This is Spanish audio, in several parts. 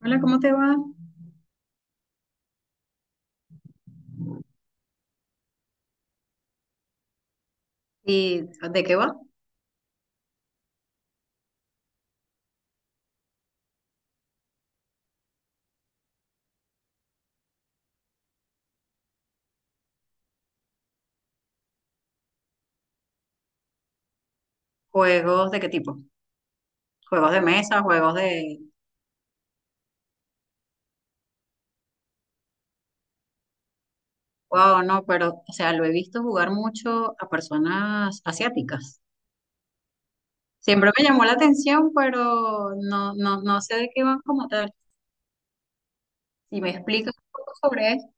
Hola, ¿cómo te va? ¿Y de qué va? ¿Juegos de qué tipo? ¿Juegos de mesa? ¿Juegos de...? Wow, no, pero, o sea, lo he visto jugar mucho a personas asiáticas. Siempre me llamó la atención, pero no, no, no sé de qué van como tal. Si me explicas un poco sobre eso,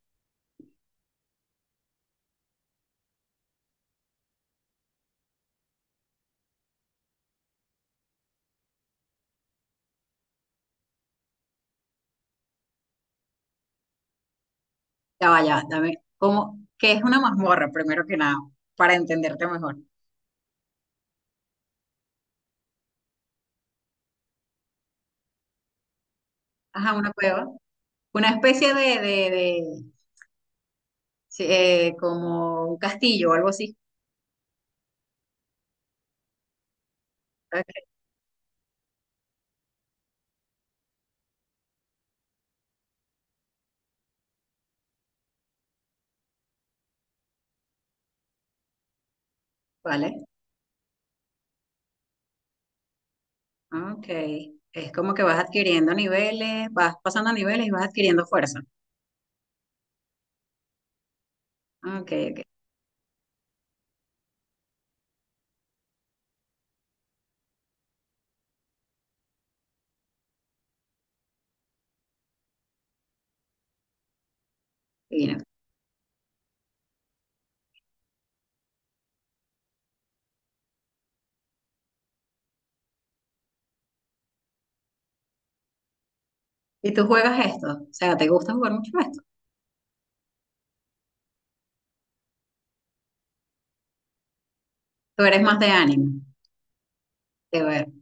ya vaya, dame, ¿cómo, qué es una mazmorra, primero que nada, para entenderte mejor? Ajá, una cueva. Una especie de, sí, como un castillo o algo así. Ok. Vale. Ah, ok, es como que vas adquiriendo niveles, vas pasando niveles y vas adquiriendo fuerza. Ah, ok, ok, divino. ¿Y tú juegas esto? O sea, ¿te gusta jugar mucho esto? ¿Tú eres más de anime? De ver,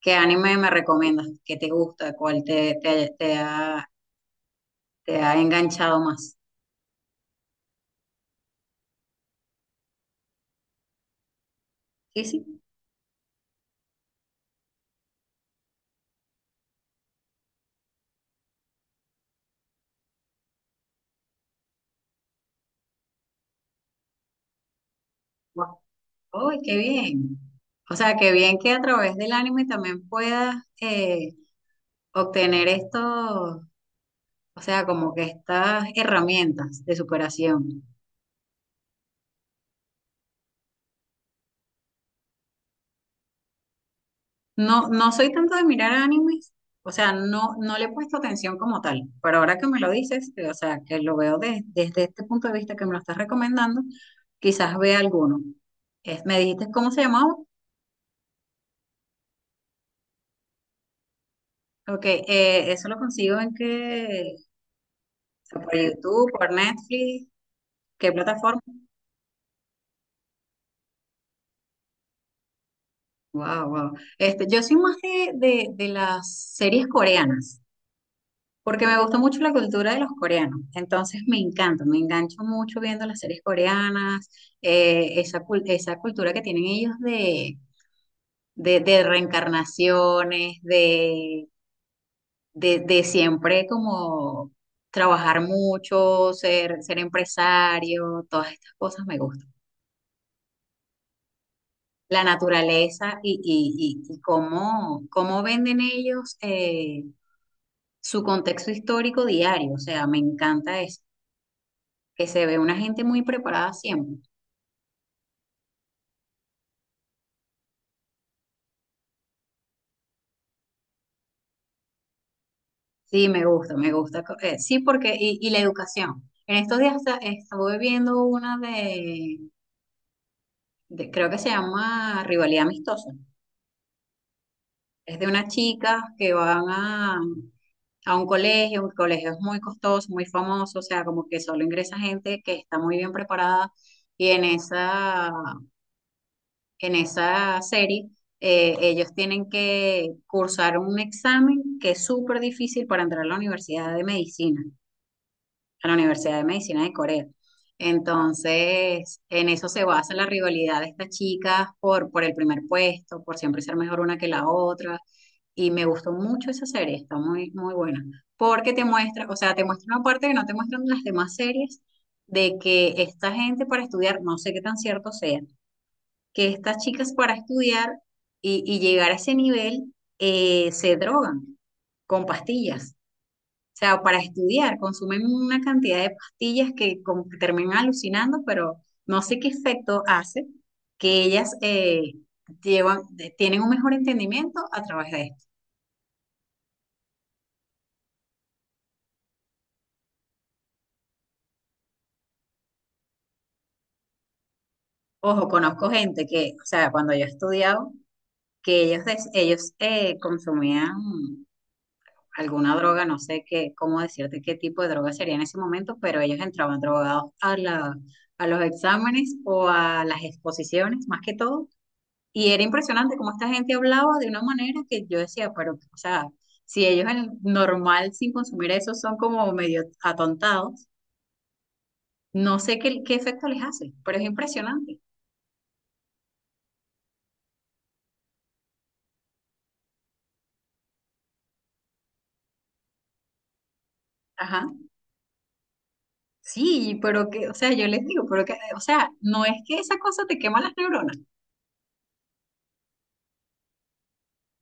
¿qué anime me recomiendas? ¿Qué te gusta? ¿Cuál te ha te ha enganchado más? Sí, sí. Guau. ¡Ay, qué bien! O sea, qué bien que a través del anime también puedas eh, obtener esto, o sea, como que estas herramientas de superación. No, no soy tanto de mirar animes, o sea, no, no le he puesto atención como tal, pero ahora que me lo dices, o sea, que lo veo desde este punto de vista que me lo estás recomendando, quizás vea alguno. Me dijiste cómo se llamaba, ok, eso lo consigo en que, ¿por YouTube, por Netflix, qué plataforma? Wow, wow. Este, yo soy más de las series coreanas. Porque me gusta mucho la cultura de los coreanos, entonces me encanta, me engancho mucho viendo las series coreanas, esa, esa cultura que tienen ellos de, de reencarnaciones, de siempre como trabajar mucho, ser, ser empresario, todas estas cosas me gustan. La naturaleza y cómo, cómo venden ellos su contexto histórico diario, o sea, me encanta eso. Que se ve una gente muy preparada siempre. Sí, me gusta, me gusta. Sí, porque, y la educación. En estos días estuve viendo una de, creo que se llama Rivalidad Amistosa. Es de unas chicas que van a un colegio es muy costoso, muy famoso, o sea, como que solo ingresa gente que está muy bien preparada. Y en esa serie, ellos tienen que cursar un examen que es súper difícil para entrar a la Universidad de Medicina. A la Universidad de Medicina de Corea. Entonces, en eso se basa la rivalidad de estas chicas por el primer puesto, por siempre ser mejor una que la otra. Y me gustó mucho esa serie, está muy, muy buena. Porque te muestra, o sea, te muestra una parte que no te muestran las demás series, de que esta gente para estudiar, no sé qué tan cierto sea, que estas chicas para estudiar y llegar a ese nivel se drogan con pastillas. O sea, para estudiar, consumen una cantidad de pastillas que como que terminan alucinando, pero no sé qué efecto hace que ellas llevan, tienen un mejor entendimiento a través de esto. Ojo, conozco gente que, o sea, cuando yo he estudiado, que ellos, consumían alguna droga, no sé qué, cómo decirte qué tipo de droga sería en ese momento, pero ellos entraban drogados a los exámenes o a las exposiciones, más que todo. Y era impresionante cómo esta gente hablaba de una manera que yo decía, pero, o sea, si ellos en el normal sin consumir eso son como medio atontados, no sé qué, qué efecto les hace, pero es impresionante. Ajá. Sí, pero que, o sea, yo les digo, pero que, o sea, no es que esa cosa te quema las neuronas.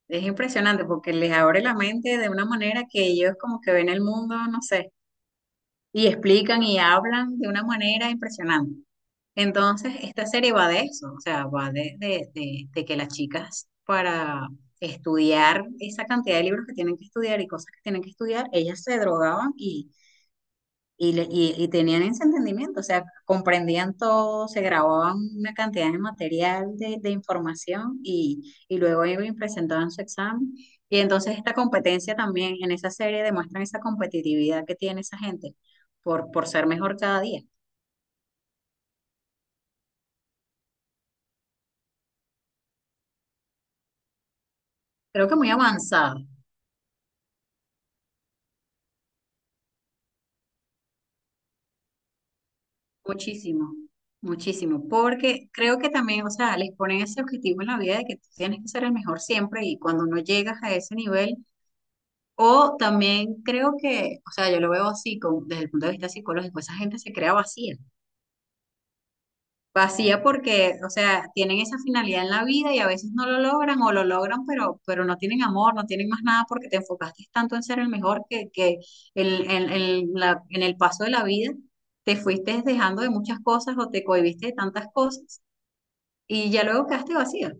Es impresionante porque les abre la mente de una manera que ellos como que ven el mundo, no sé, y explican y hablan de una manera impresionante. Entonces, esta serie va de eso, o sea, va de, de que las chicas para estudiar esa cantidad de libros que tienen que estudiar y cosas que tienen que estudiar, ellas se drogaban y tenían ese entendimiento, o sea, comprendían todo, se grababan una cantidad de material de información y luego iban y presentaban su examen. Y entonces esta competencia también en esa serie demuestran esa competitividad que tiene esa gente por ser mejor cada día. Creo que muy avanzada. Muchísimo, muchísimo, porque creo que también, o sea, les ponen ese objetivo en la vida de que tú tienes que ser el mejor siempre y cuando no llegas a ese nivel, o también creo que, o sea, yo lo veo así con, desde el punto de vista psicológico, esa gente se crea vacía. Vacía porque, o sea, tienen esa finalidad en la vida y a veces no lo logran o lo logran, pero no tienen amor, no tienen más nada porque te enfocaste tanto en ser el mejor que el, en, en el paso de la vida te fuiste dejando de muchas cosas o te cohibiste de tantas cosas y ya luego quedaste vacía.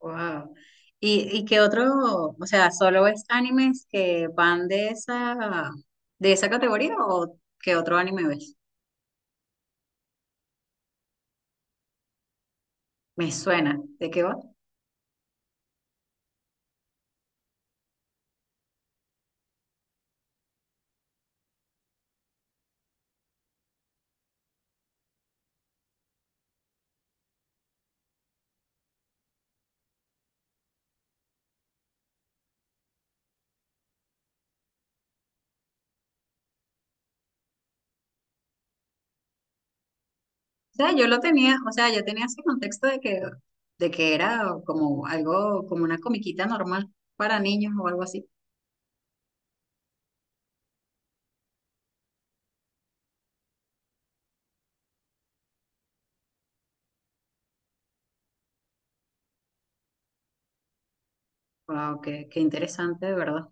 Wow. Y qué otro, o sea, ¿solo ves animes que van de esa categoría o qué otro anime ves? Me suena. ¿De qué va? O sea, yo lo tenía, o sea, yo tenía ese contexto de que era como algo, como una comiquita normal para niños o algo así. Wow, qué, qué interesante, de verdad.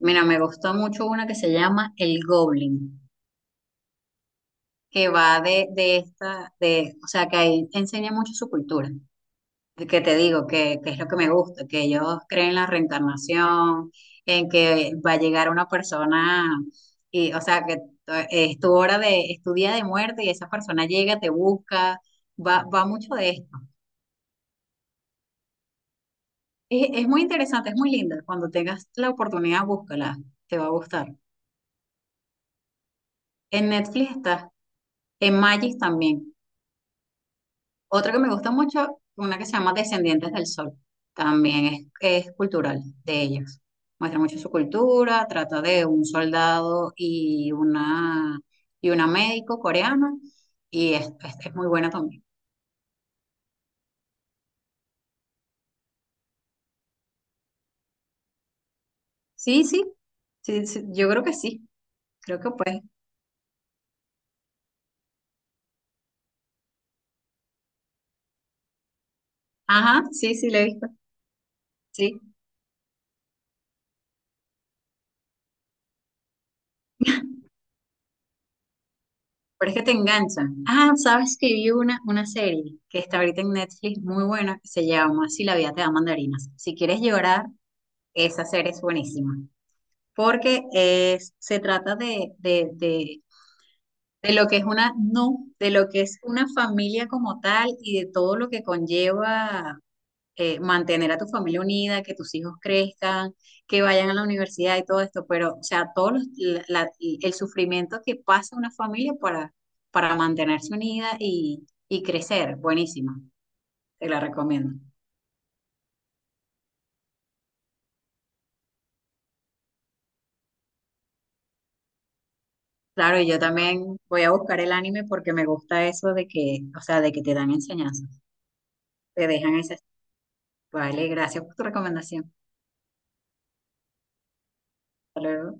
Mira, me gustó mucho una que se llama El Goblin, que va de esta, de, o sea, que ahí enseña mucho su cultura. Que te digo, que es lo que me gusta, que ellos creen en la reencarnación, en que va a llegar una persona, y, o sea, que es tu hora de, es tu día de muerte y esa persona llega, te busca, va, va mucho de esto. Es muy interesante, es muy linda. Cuando tengas la oportunidad, búscala, te va a gustar. En Netflix está, en Magis también. Otra que me gusta mucho, una que se llama Descendientes del Sol. También es cultural de ellos. Muestra mucho su cultura, trata de un soldado y una médico coreana y es, es muy buena también. Sí, sí, sí, sí, yo creo que sí, creo que puede. Ajá, sí, sí, la he visto, sí. Pero es que te enganchan. Ah, sabes que vi una serie que está ahorita en Netflix muy buena que se llama Si la vida te da mandarinas. Si quieres llorar, esa serie es buenísima. Porque es, se trata de lo que es una, no, de lo que es una familia como tal y de todo lo que conlleva mantener a tu familia unida, que tus hijos crezcan, que vayan a la universidad y todo esto, pero, o sea, todo la- el sufrimiento que pasa una familia para mantenerse unida y crecer, buenísima, te la recomiendo. Claro, y yo también voy a buscar el anime porque me gusta eso de que, o sea, de que te dan enseñanzas, te dejan esa. Vale, gracias por tu recomendación. Hasta luego.